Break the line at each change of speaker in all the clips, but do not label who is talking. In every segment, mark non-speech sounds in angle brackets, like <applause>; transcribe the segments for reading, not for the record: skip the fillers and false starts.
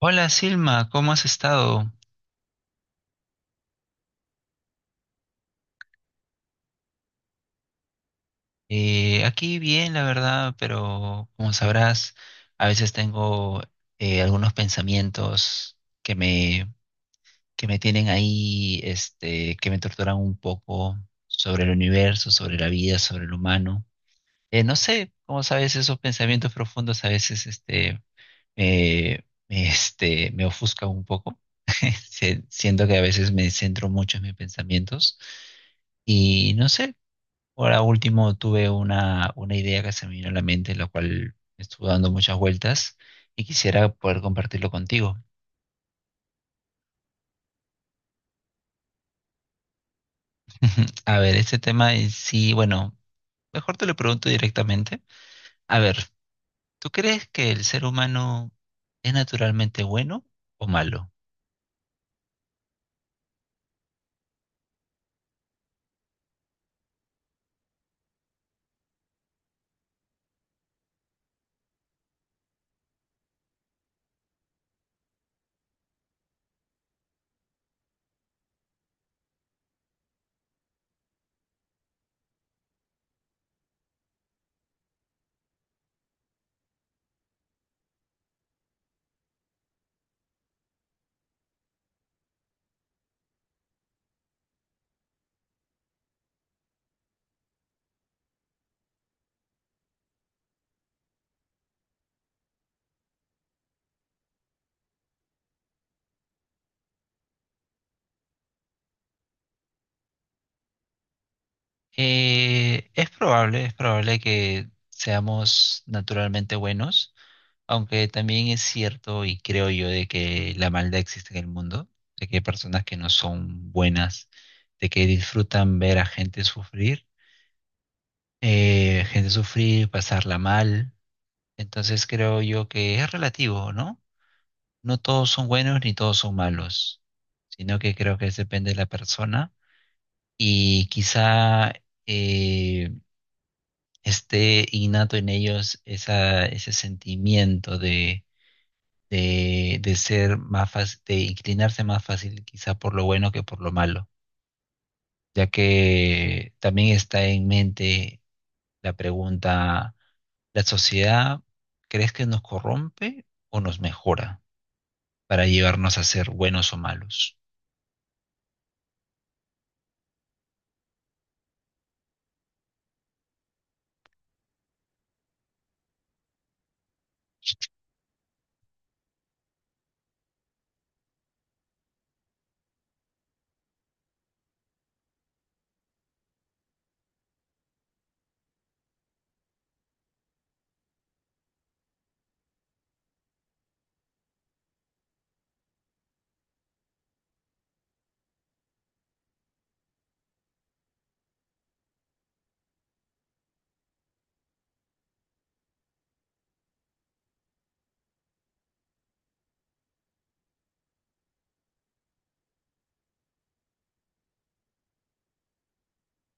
Hola Silma, ¿cómo has estado? Aquí bien, la verdad, pero como sabrás, a veces tengo algunos pensamientos que me tienen ahí, este, que me torturan un poco sobre el universo, sobre la vida, sobre el humano. No sé, como sabes, esos pensamientos profundos a veces este, este, me ofuscan un poco. <laughs> Siento que a veces me centro mucho en mis pensamientos. Y no sé. Ahora último tuve una idea que se me vino a la mente, la cual estuvo dando muchas vueltas y quisiera poder compartirlo contigo. <laughs> A ver, este tema en sí, bueno, mejor te lo pregunto directamente. A ver, ¿tú crees que el ser humano es naturalmente bueno o malo? Es probable, es probable que seamos naturalmente buenos. Aunque también es cierto y creo yo de que la maldad existe en el mundo, de que hay personas que no son buenas, de que disfrutan ver a gente sufrir, pasarla mal. Entonces creo yo que es relativo, ¿no? No todos son buenos ni todos son malos, sino que creo que depende de la persona y quizá eh, esté innato en ellos esa, ese sentimiento de ser más fácil, de inclinarse más fácil quizá por lo bueno que por lo malo, ya que también está en mente la pregunta, ¿la sociedad crees que nos corrompe o nos mejora para llevarnos a ser buenos o malos?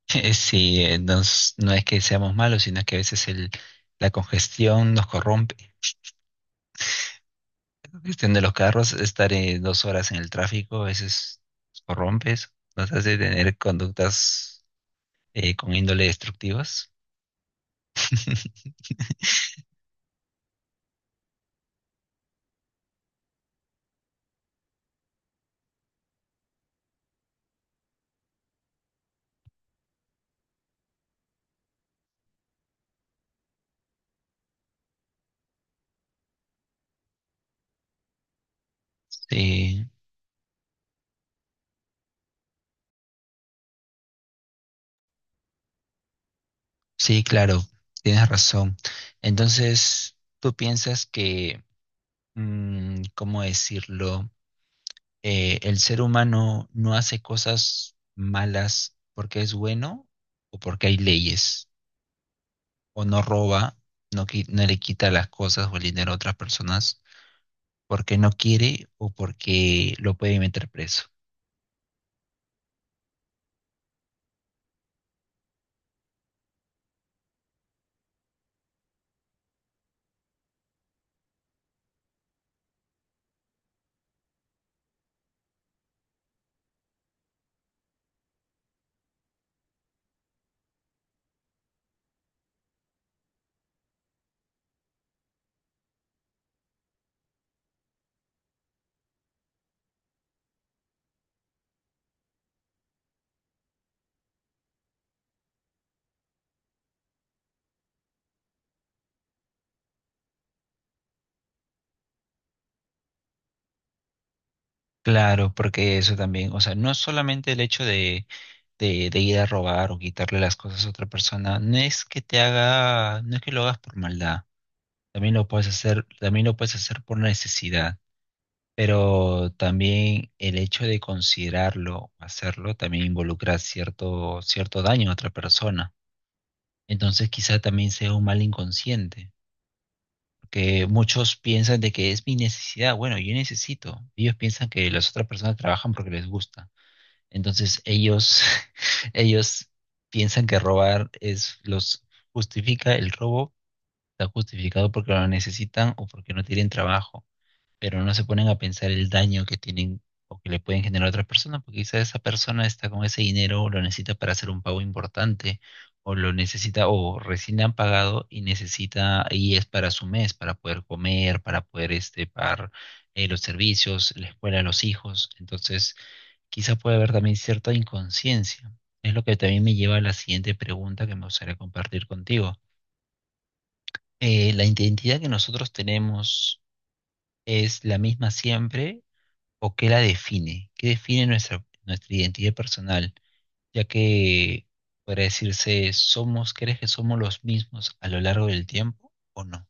<laughs> Sí, no, no es que seamos malos, sino que a veces el, la congestión nos corrompe. La congestión de los carros, estar 2 horas en el tráfico, a veces nos corrompe, eso, nos hace tener conductas con índole destructivas. <laughs> Sí, sí, claro, tienes razón. Entonces, ¿tú piensas que, mm, cómo decirlo, el ser humano no hace cosas malas porque es bueno o porque hay leyes? ¿O no roba, no, no le quita las cosas o el dinero a otras personas porque no quiere o porque lo puede meter preso? Claro, porque eso también, o sea, no es solamente el hecho de ir a robar o quitarle las cosas a otra persona, no es que te haga, no es que lo hagas por maldad, también lo puedes hacer, también lo puedes hacer por necesidad, pero también el hecho de considerarlo, hacerlo, también involucra cierto, cierto daño a otra persona. Entonces quizá también sea un mal inconsciente, porque muchos piensan de que es mi necesidad, bueno, yo necesito, ellos piensan que las otras personas trabajan porque les gusta. Entonces ellos, <laughs> ellos piensan que robar es, los justifica el robo, está justificado porque lo necesitan o porque no tienen trabajo, pero no se ponen a pensar el daño que tienen o que le pueden generar a otras personas, porque quizá esa persona está con ese dinero o lo necesita para hacer un pago importante, o lo necesita, o recién le han pagado y necesita, y es para su mes, para poder comer, para poder este, pagar los servicios, la escuela a los hijos. Entonces, quizá puede haber también cierta inconsciencia. Es lo que también me lleva a la siguiente pregunta que me gustaría compartir contigo. ¿La identidad que nosotros tenemos es la misma siempre o qué la define? ¿Qué define nuestra, nuestra identidad personal? Ya que podría decirse, ¿somos, crees que somos los mismos a lo largo del tiempo o no?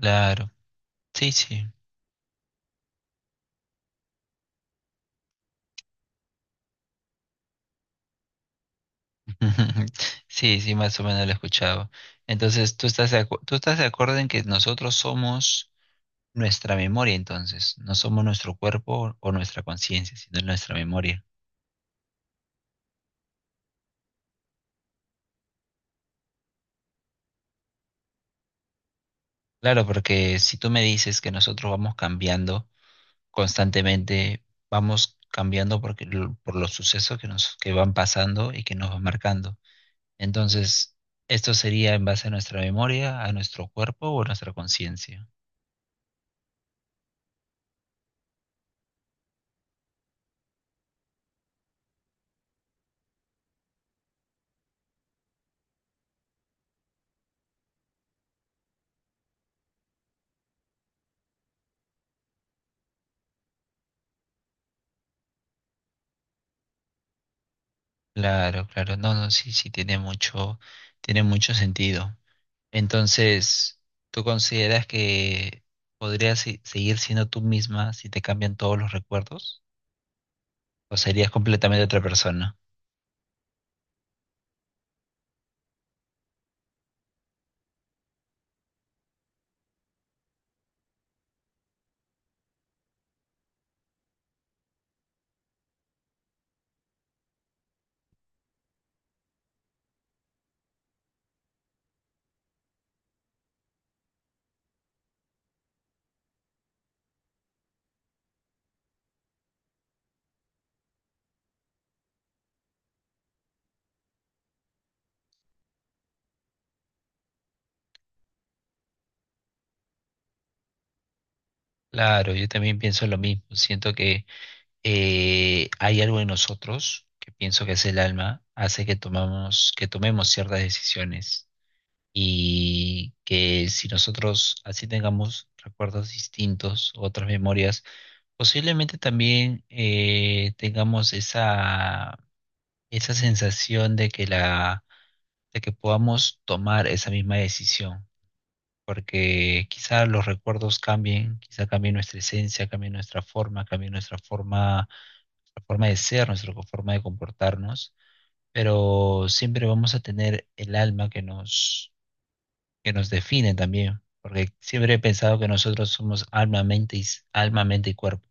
Claro, sí, sí. <laughs> Sí, sí, más o menos lo he escuchado. Entonces, ¿tú estás tú estás de acuerdo en que nosotros somos nuestra memoria entonces, no somos nuestro cuerpo o nuestra conciencia, sino nuestra memoria? Claro, porque si tú me dices que nosotros vamos cambiando constantemente, vamos cambiando porque, por los sucesos que nos que van pasando y que nos van marcando. Entonces, esto sería en base a nuestra memoria, a nuestro cuerpo o a nuestra conciencia. Claro, claro, no, no, sí, sí, tiene mucho sentido. Entonces, ¿tú consideras que podrías seguir siendo tú misma si te cambian todos los recuerdos? ¿O serías completamente otra persona? Claro, yo también pienso lo mismo. Siento que hay algo en nosotros, que pienso que es el alma, hace que tomamos, que tomemos ciertas decisiones. Y que si nosotros así tengamos recuerdos distintos, otras memorias, posiblemente también tengamos esa esa sensación de que la, de que podamos tomar esa misma decisión, porque quizá los recuerdos cambien, quizá cambie nuestra esencia, cambie nuestra forma de ser, nuestra forma de comportarnos, pero siempre vamos a tener el alma que nos define también, porque siempre he pensado que nosotros somos alma, mente y, alma, mente y cuerpo.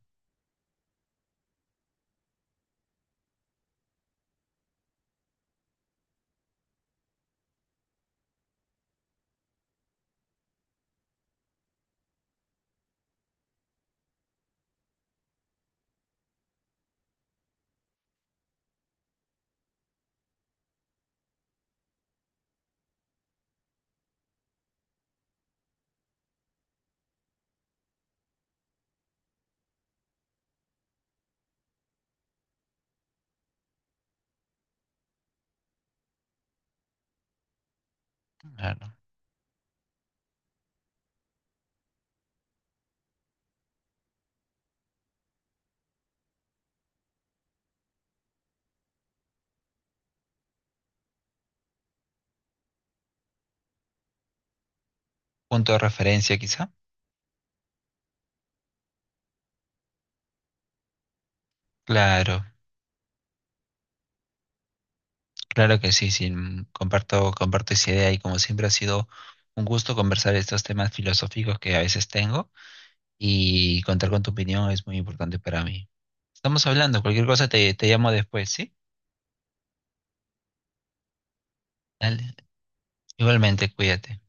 Claro. Punto de referencia quizá. Claro. Claro que sí, sí, mm, comparto, comparto esa idea y como siempre ha sido un gusto conversar estos temas filosóficos que a veces tengo y contar con tu opinión es muy importante para mí. Estamos hablando, cualquier cosa te, te llamo después, ¿sí? Dale, igualmente, cuídate.